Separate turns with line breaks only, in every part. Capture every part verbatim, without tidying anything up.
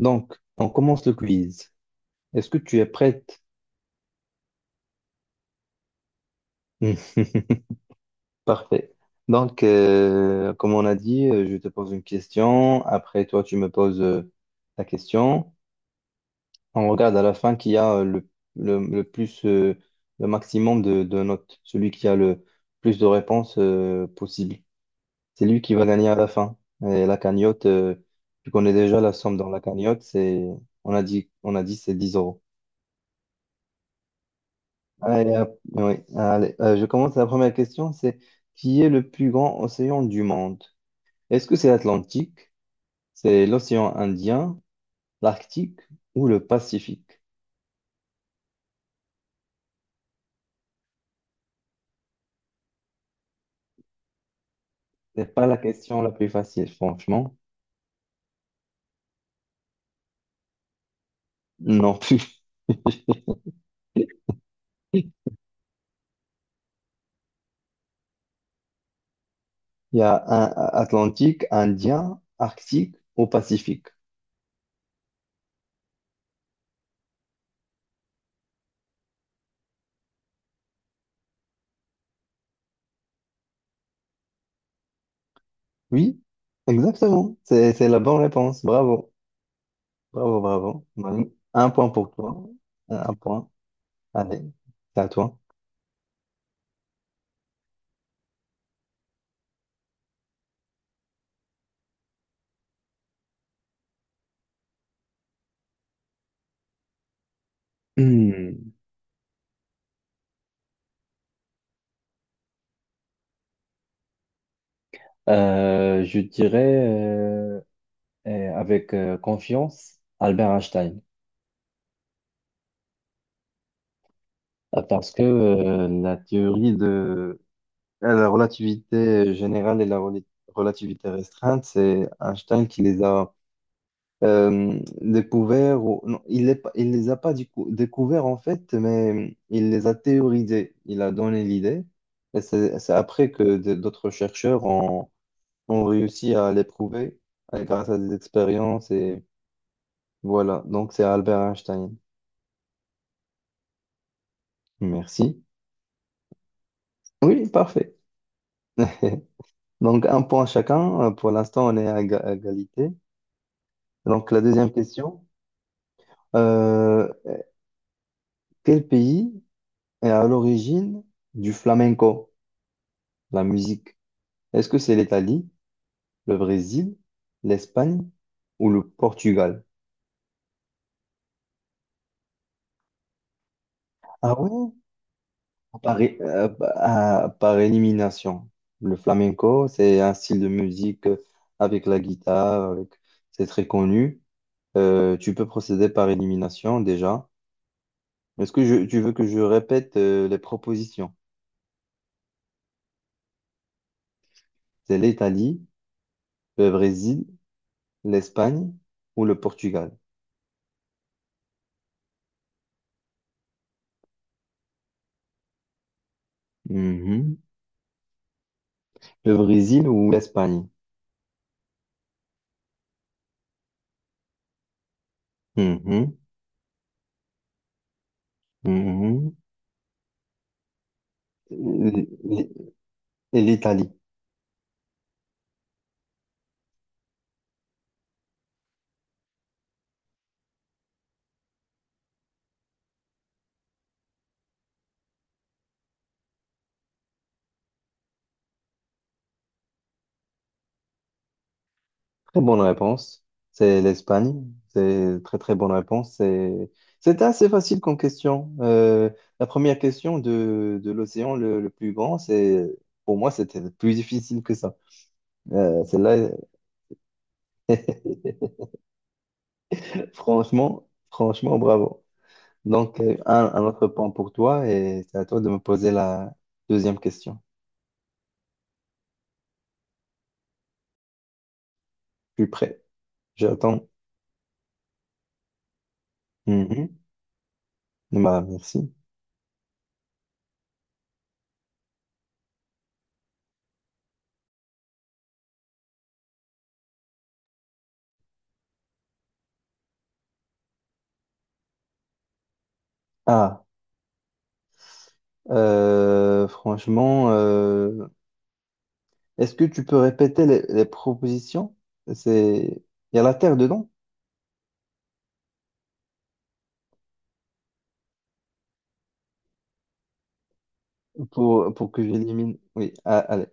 Donc, on commence le quiz. Est-ce que tu es prête? Parfait. Donc, euh, comme on a dit, euh, je te pose une question. Après, toi, tu me poses euh, ta question. On regarde à la fin qui a euh, le, le, le plus, euh, le maximum de, de notes. Celui qui a le plus de réponses euh, possible. C'est lui qui va gagner à la fin. Et la cagnotte, euh, tu connais déjà la somme dans la cagnotte. C'est, on a dit, on a dit c'est dix euros. Allez, hop, oui, allez, euh, je commence la première question, c'est qui est le plus grand océan du monde? Est-ce que c'est l'Atlantique, c'est l'océan Indien, l'Arctique ou le Pacifique? C'est pas la question la plus facile, franchement. Non plus. Il y a un Atlantique, Indien, Arctique ou Pacifique. Oui, exactement. C'est, c'est la bonne réponse. Bravo, bravo, bravo. Manu, un point pour toi. Un point. Allez, c'est à toi. Hmm. Euh, je dirais euh, eh, avec euh, confiance Albert Einstein. Euh, parce que euh, la théorie de euh, la relativité générale et la rela- relativité restreinte, c'est Einstein qui les a euh, découverts, ou- non, il les, pas- il les a pas décou- découverts en fait, mais il les a théorisés, il a donné l'idée, et c'est c'est après que de- d'autres chercheurs ont, ont réussi à l'éprouver euh, grâce à des expériences. Voilà, donc c'est Albert Einstein. Merci. Oui, parfait. Donc un point chacun. Euh, Pour l'instant, on est à éga- à égalité. Donc la deuxième question, euh, quel pays est à l'origine du flamenco, la musique? Est-ce que c'est l'Italie, le Brésil, l'Espagne ou le Portugal? Ah ouais? Par, é- euh, à- par élimination. Le flamenco, c'est un style de musique avec la guitare, avec. C'est très connu. Euh, tu peux procéder par élimination déjà. Est-ce que je- tu veux que je répète euh, les propositions? C'est l'Italie, le Brésil, l'Espagne ou le Portugal? Mhm. Le Brésil ou l'Espagne? Mhm. Mhm. L- l- Et l'Italie. Très bonne réponse. C'est l'Espagne. C'est très très bonne réponse. C'est c'était assez facile comme question. Euh, la première question de, de l'océan le, le plus grand, c'est pour moi c'était plus difficile que ça. Euh, celle-là. Franchement, franchement, bravo. Donc, euh, un, un autre point pour toi et c'est à toi de me poser la deuxième question. Je suis prêt. J'attends. Mhm. Bah, merci. Ah, euh, franchement, euh, est-ce que tu peux répéter les, les propositions? C'est, il y a la terre dedans pour, pour que j'élimine. Oui, ah, allez.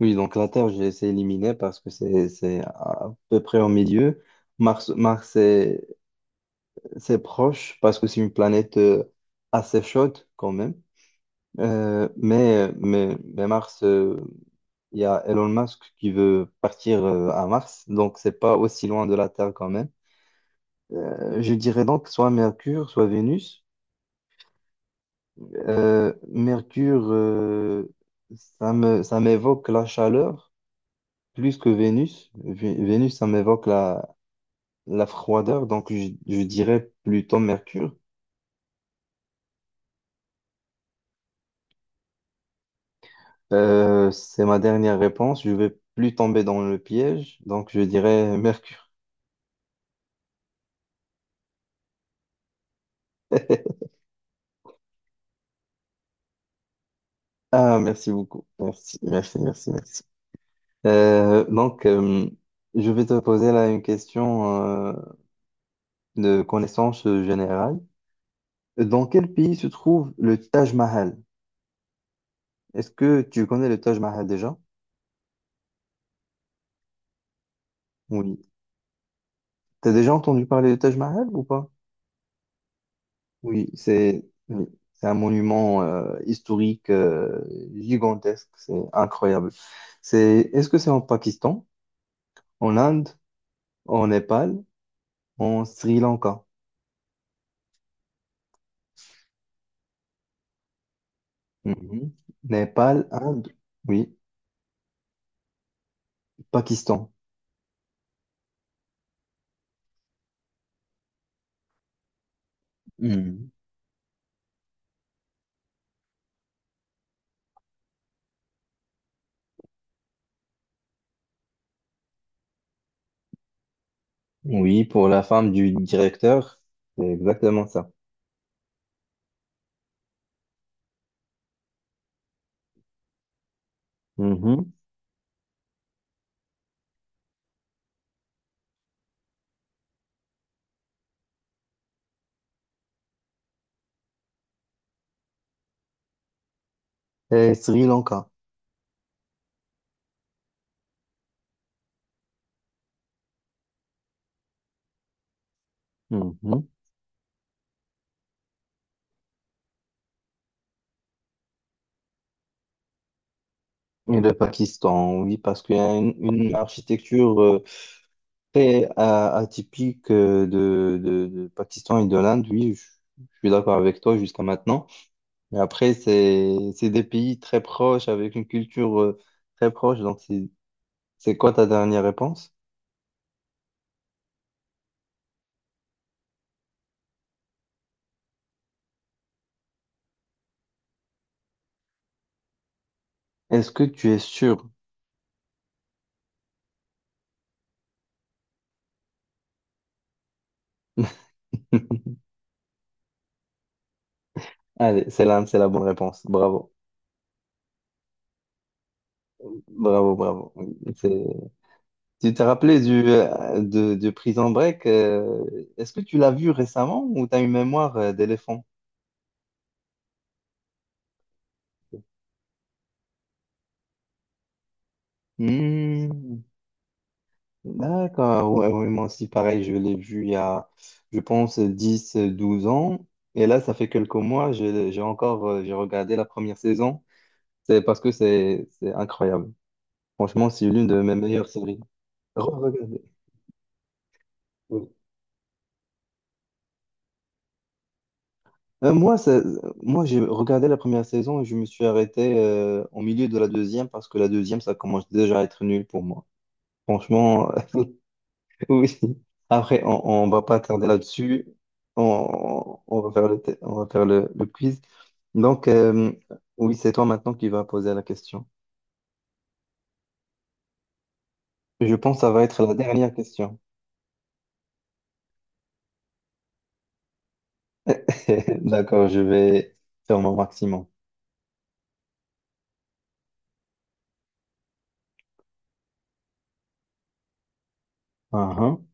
Oui, donc la terre, j'ai essayé d'éliminer parce que c'est, c'est à peu près au milieu. Mars, Mars C'est proche parce que c'est une planète euh, assez chaude quand même. Euh, mais, mais, mais Mars, euh, il y a Elon Musk qui veut partir euh, à Mars, donc c'est pas aussi loin de la Terre quand même. Euh, je dirais donc soit Mercure, soit Vénus. Euh, Mercure, euh, ça me, ça m'évoque la chaleur plus que Vénus. Vé- Vénus, ça m'évoque la, la froideur, donc je, je dirais plutôt Mercure. Euh, c'est ma dernière réponse. Je vais plus tomber dans le piège, donc je dirais Mercure. Ah, merci beaucoup. Merci, merci, merci, merci. Euh, donc, euh, je vais te poser là une question euh, de connaissance générale. Dans quel pays se trouve le Taj Mahal? Est-ce que tu connais le Taj Mahal déjà? Oui. T'as déjà entendu parler du Taj Mahal ou pas? Oui, c'est oui, c'est un monument euh, historique euh, gigantesque, c'est incroyable. C'est, est-ce que c'est en Pakistan, en Inde, en Népal, en Sri Lanka? Mhm. Népal, Inde, oui, Pakistan. Mhm. Oui, pour la femme du directeur, c'est exactement ça. Mhm. Et Sri Lanka. Mhm. Et le Pakistan, oui, parce qu'il y a une, une architecture euh, très euh, atypique euh, de, de, de Pakistan et de l'Inde, oui, je, je suis d'accord avec toi jusqu'à maintenant. Mais après, c'est, c'est des pays très proches, avec une culture euh, très proche. Donc, c'est, c'est quoi ta dernière réponse? Est-ce que tu es sûr? Allez, c'est l'Inde, c'est la bonne réponse. Bravo, bravo, bravo. Oui, c'est- tu t'es rappelé du, euh, de, de Prison Break? euh, Est-ce que tu l'as vu récemment ou tu as une mémoire euh, d'éléphant? Hmm. D'accord, ouais, ouais, moi aussi, pareil, je l'ai vu il y a, je pense, dix, douze ans. Et là, ça fait quelques mois, j'ai j'ai encore, euh, j'ai regardé la première saison. C'est parce que c'est c'est incroyable. Franchement, c'est l'une de mes meilleures séries. Re-regardez. Oui. Euh, moi, ça- moi j'ai regardé la première saison et je me suis arrêté euh, au milieu de la deuxième parce que la deuxième, ça commence déjà à être nul pour moi. Franchement. Oui. Après, on, on va pas tarder là-dessus. On, on va faire le, te- on va faire le, le quiz. Donc, euh, oui, c'est toi maintenant qui vas poser la question. Je pense que ça va être la dernière question. D'accord, je vais faire mon maximum. Uhum.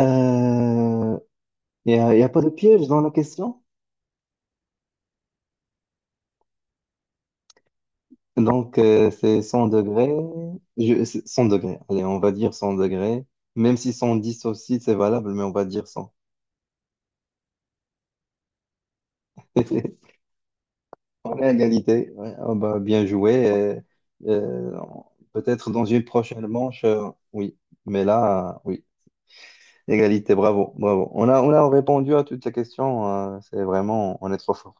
Euh, Il n'y a, il y a pas de piège dans la question. Donc, euh, c'est cent degrés. Je, c'est cent degrés. Allez, on va dire cent degrés. Même si cent dix aussi, c'est valable, mais on va dire cent. On est à égalité. Ouais. Ah bah, bien joué. Et, euh, peut-être dans une prochaine manche, euh, oui. Mais là, euh, oui. Égalité, bravo, bravo. On a, on a répondu à toutes les questions. euh, c'est vraiment, on est trop fort.